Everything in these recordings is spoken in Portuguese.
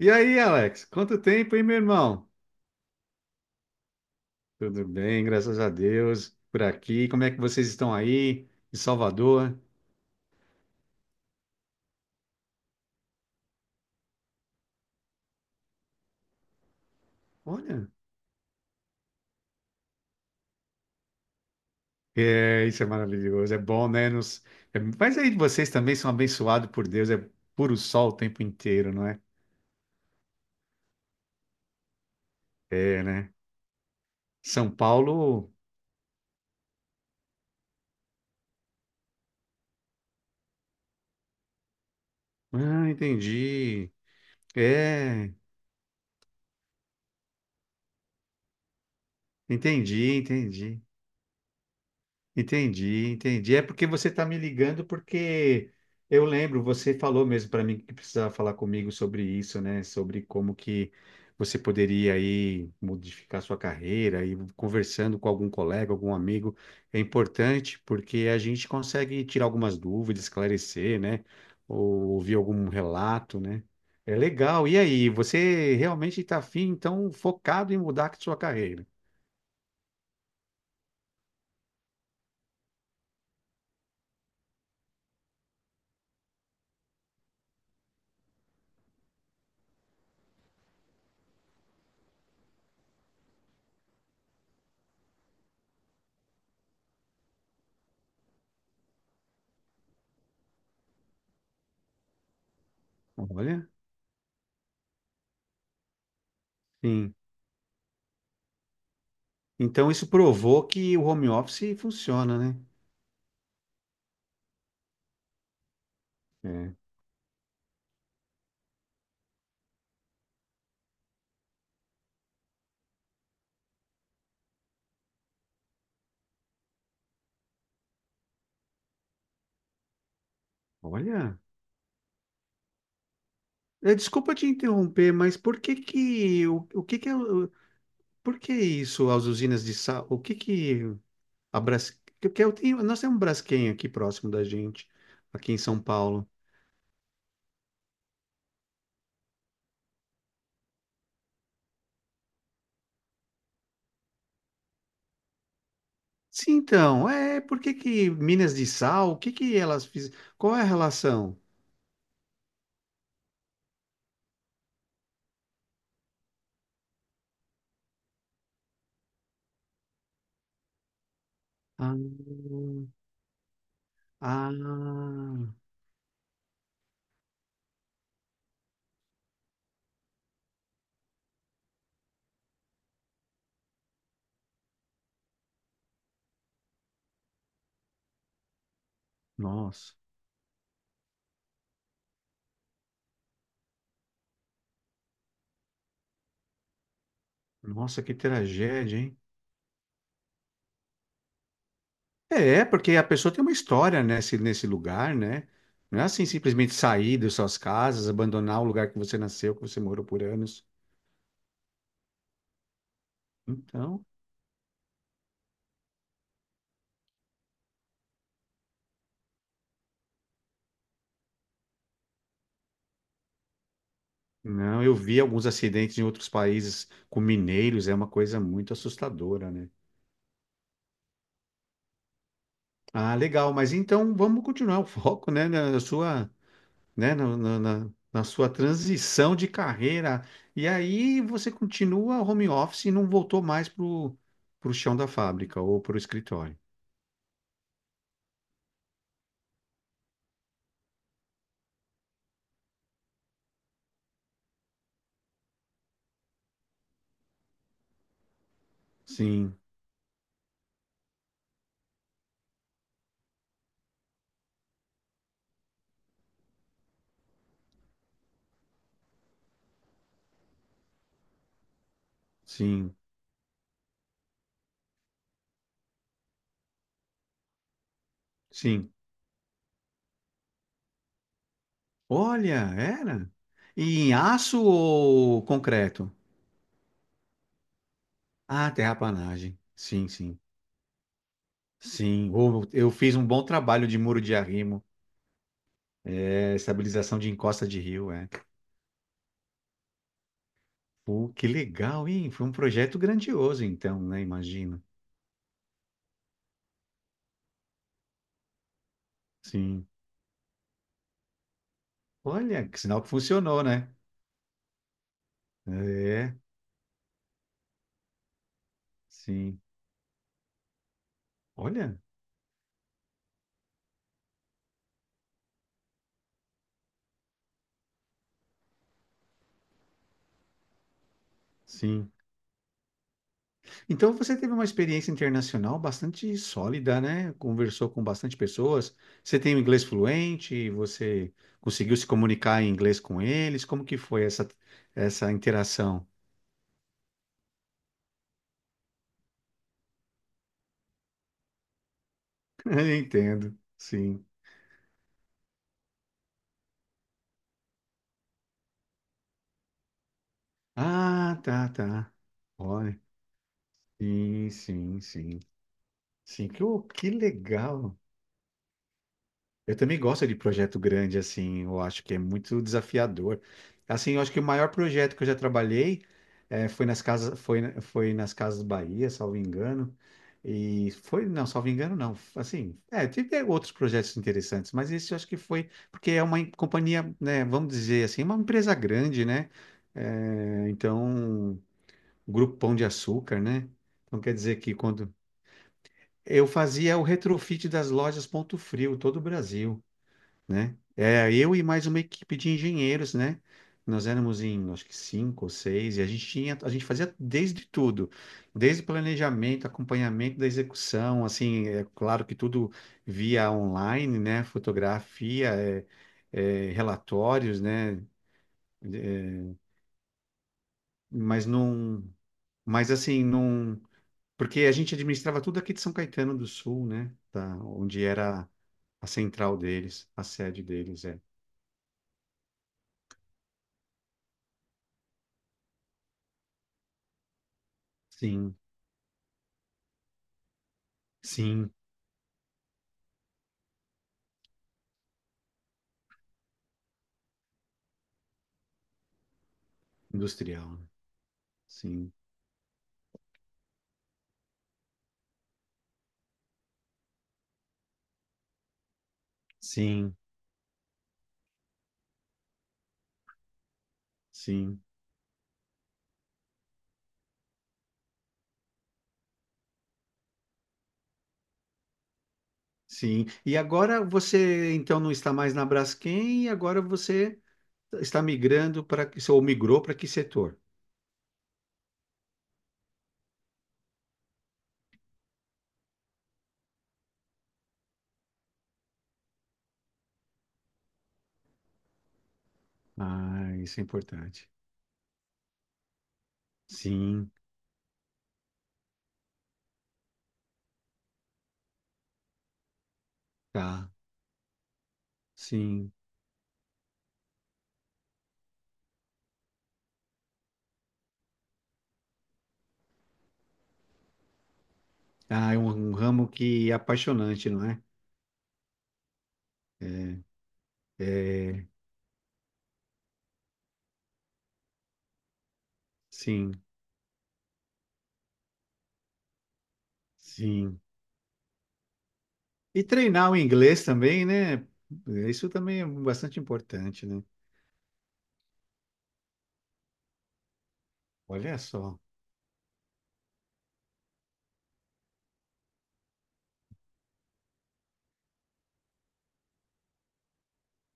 E aí, Alex? Quanto tempo, hein, meu irmão? Tudo bem, graças a Deus, por aqui. Como é que vocês estão aí, em Salvador? Olha, é, isso é maravilhoso, é bom, né? Mas aí vocês também são abençoados por Deus, é puro sol o tempo inteiro, não é? É, né? São Paulo, ah, entendi. É, entendi, entendi. Entendi, entendi. É porque você está me ligando porque eu lembro, você falou mesmo para mim que precisava falar comigo sobre isso, né? Sobre como que você poderia aí modificar sua carreira e conversando com algum colega, algum amigo, é importante porque a gente consegue tirar algumas dúvidas, esclarecer, né? Ou ouvir algum relato, né? É legal. E aí, você realmente está afim, então, focado em mudar a sua carreira? Olha, sim. Então isso provou que o home office funciona, né? É. Olha, é, desculpa te interromper, mas por que que o que que é por que isso as usinas de sal, o que que a Bras, que eu tenho, nós temos um Braskem aqui próximo da gente, aqui em São Paulo. Sim, então, é, por que que minas de sal, o que que elas fizeram? Qual é a relação? Ah, ah, nossa, nossa, que tragédia, hein? É, porque a pessoa tem uma história nesse lugar, né? Não é assim simplesmente sair das suas casas, abandonar o lugar que você nasceu, que você morou por anos. Então, não, eu vi alguns acidentes em outros países com mineiros, é uma coisa muito assustadora, né? Ah, legal, mas então vamos continuar o foco, né, na sua, né, na sua transição de carreira. E aí você continua home office e não voltou mais pro chão da fábrica ou pro escritório. Sim, sim. Sim. Olha, era. E em aço ou concreto? Ah, terraplanagem. Sim, sim. Sim. Ou eu fiz um bom trabalho de muro de arrimo, é, estabilização de encosta de rio, é. Pô, que legal, hein? Foi um projeto grandioso, então, né? Imagino. Sim. Olha, que sinal que funcionou, né? É, sim. Olha, sim. Então você teve uma experiência internacional bastante sólida, né? Conversou com bastante pessoas. Você tem o inglês fluente, você conseguiu se comunicar em inglês com eles. Como que foi essa interação? Entendo, sim. Ah, tá, tá. Olha, sim, sim, sim. Sim, que, oh, que legal. Eu também gosto de projeto grande, assim, eu acho que é muito desafiador. Assim, eu acho que o maior projeto que eu já trabalhei foi nas casas, foi, foi nas Casas Bahia, salvo engano. E foi, não, salvo engano, não. Assim, é, teve outros projetos interessantes, mas esse eu acho que foi, porque é uma companhia, né, vamos dizer assim, uma empresa grande, né? Então, Grupo Pão de Açúcar, né? Então quer dizer que quando. Eu fazia o retrofit das lojas Ponto Frio, todo o Brasil, né? É, eu e mais uma equipe de engenheiros, né? Nós éramos em, acho que cinco ou seis, e a gente tinha, a gente fazia desde tudo, desde planejamento, acompanhamento da execução, assim, é claro que tudo via online, né? Fotografia, é, relatórios, né? É, mas não, mas assim, não, porque a gente administrava tudo aqui de São Caetano do Sul, né? Tá, onde era a central deles, a sede deles, é. Sim, sim. Industrial, né? Sim, sim, sim, sim. E agora você então não está mais na Braskem e agora você está migrando para que ou migrou para que setor? Ah, isso é importante. Sim, tá, sim. Ah, é um ramo que é apaixonante, não é? É, é. Sim, sim. E treinar o inglês também, né? Isso também é bastante importante, né? Olha só.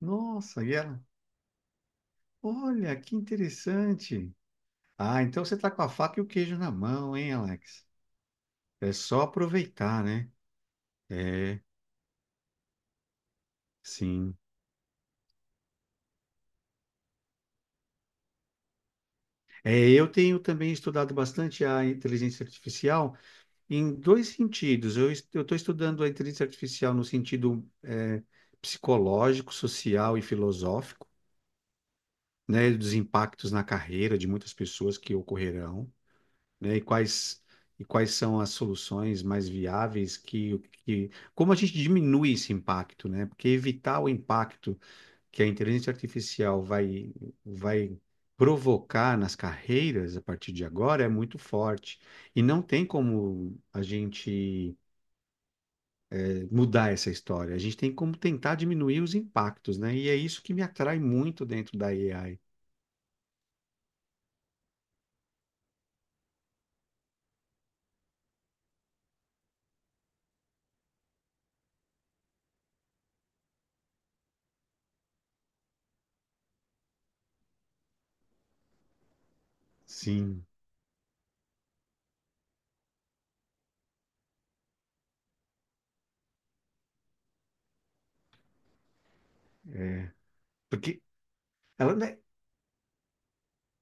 Nossa, e ela. Olha, que interessante. Ah, então você tá com a faca e o queijo na mão, hein, Alex? É só aproveitar, né? É, sim. É, eu tenho também estudado bastante a inteligência artificial em dois sentidos. Eu estou estudando a inteligência artificial no sentido é, psicológico, social e filosófico, né? Dos impactos na carreira de muitas pessoas que ocorrerão, né? E quais são as soluções mais viáveis que, Como a gente diminui esse impacto, né? Porque evitar o impacto que a inteligência artificial vai provocar nas carreiras a partir de agora é muito forte. E não tem como a gente mudar essa história. A gente tem como tentar diminuir os impactos, né? E é isso que me atrai muito dentro da AI. Sim. Porque ela, né,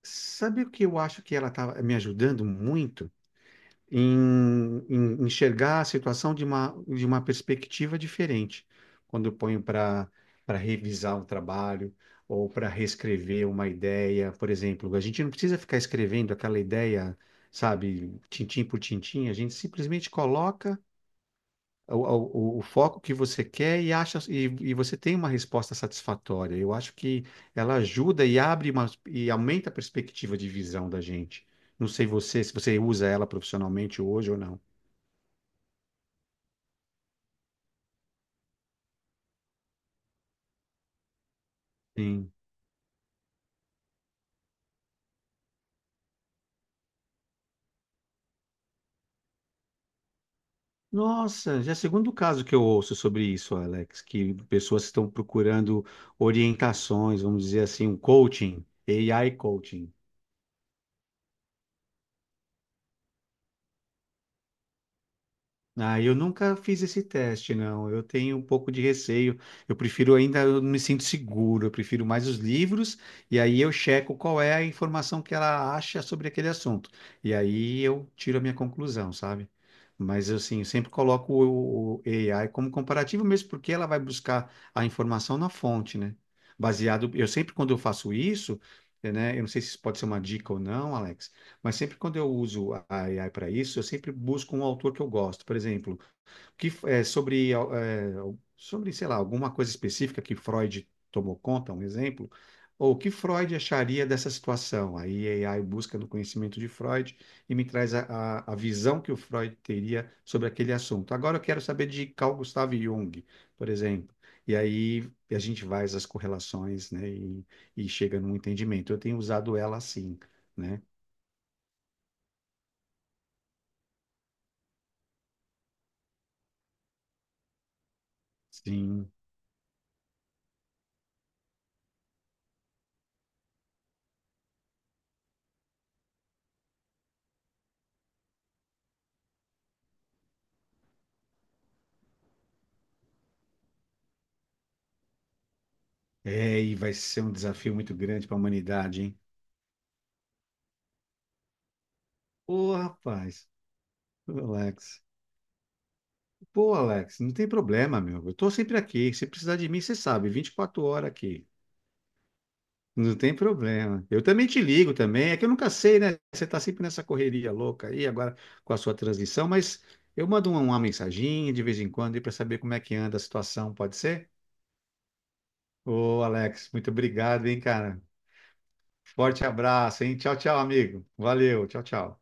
sabe o que eu acho que ela está me ajudando muito? Em enxergar a situação de uma perspectiva diferente. Quando eu ponho para revisar um trabalho ou para reescrever uma ideia, por exemplo, a gente não precisa ficar escrevendo aquela ideia, sabe, tintim por tintim, a gente simplesmente coloca o foco que você quer e acha e você tem uma resposta satisfatória. Eu acho que ela ajuda e abre uma, e aumenta a perspectiva de visão da gente. Não sei você, se você usa ela profissionalmente hoje ou não. Sim. Nossa, já é o segundo caso que eu ouço sobre isso, Alex, que pessoas estão procurando orientações, vamos dizer assim, um coaching, AI coaching. Ah, eu nunca fiz esse teste, não. Eu tenho um pouco de receio. Eu prefiro ainda, eu me sinto seguro. Eu prefiro mais os livros e aí eu checo qual é a informação que ela acha sobre aquele assunto. E aí eu tiro a minha conclusão, sabe? Mas assim, eu sempre coloco o AI como comparativo mesmo, porque ela vai buscar a informação na fonte, né? Baseado, eu sempre quando eu faço isso, né? Eu não sei se isso pode ser uma dica ou não, Alex. Mas sempre quando eu uso a AI para isso, eu sempre busco um autor que eu gosto. Por exemplo, que é, sobre, ah, é, sobre, sei lá, alguma coisa específica que Freud tomou conta, um exemplo, ou o que Freud acharia dessa situação. Aí a AI busca no conhecimento de Freud e me traz a, a visão que o Freud teria sobre aquele assunto. Agora eu quero saber de Carl Gustav Jung, por exemplo. E aí a gente vai às correlações, né, e chega num entendimento. Eu tenho usado ela assim, né? Sim. É, e vai ser um desafio muito grande para a humanidade, hein? Ô, rapaz, ô, Alex. Pô, Alex, não tem problema, meu. Eu tô sempre aqui. Se precisar de mim, você sabe, 24 horas aqui. Não tem problema. Eu também te ligo também. É que eu nunca sei, né? Você tá sempre nessa correria louca aí, agora com a sua transição, mas eu mando uma mensaginha de vez em quando aí para saber como é que anda a situação, pode ser? Ô, Alex, muito obrigado, hein, cara. Forte abraço, hein? Tchau, tchau, amigo. Valeu, tchau, tchau.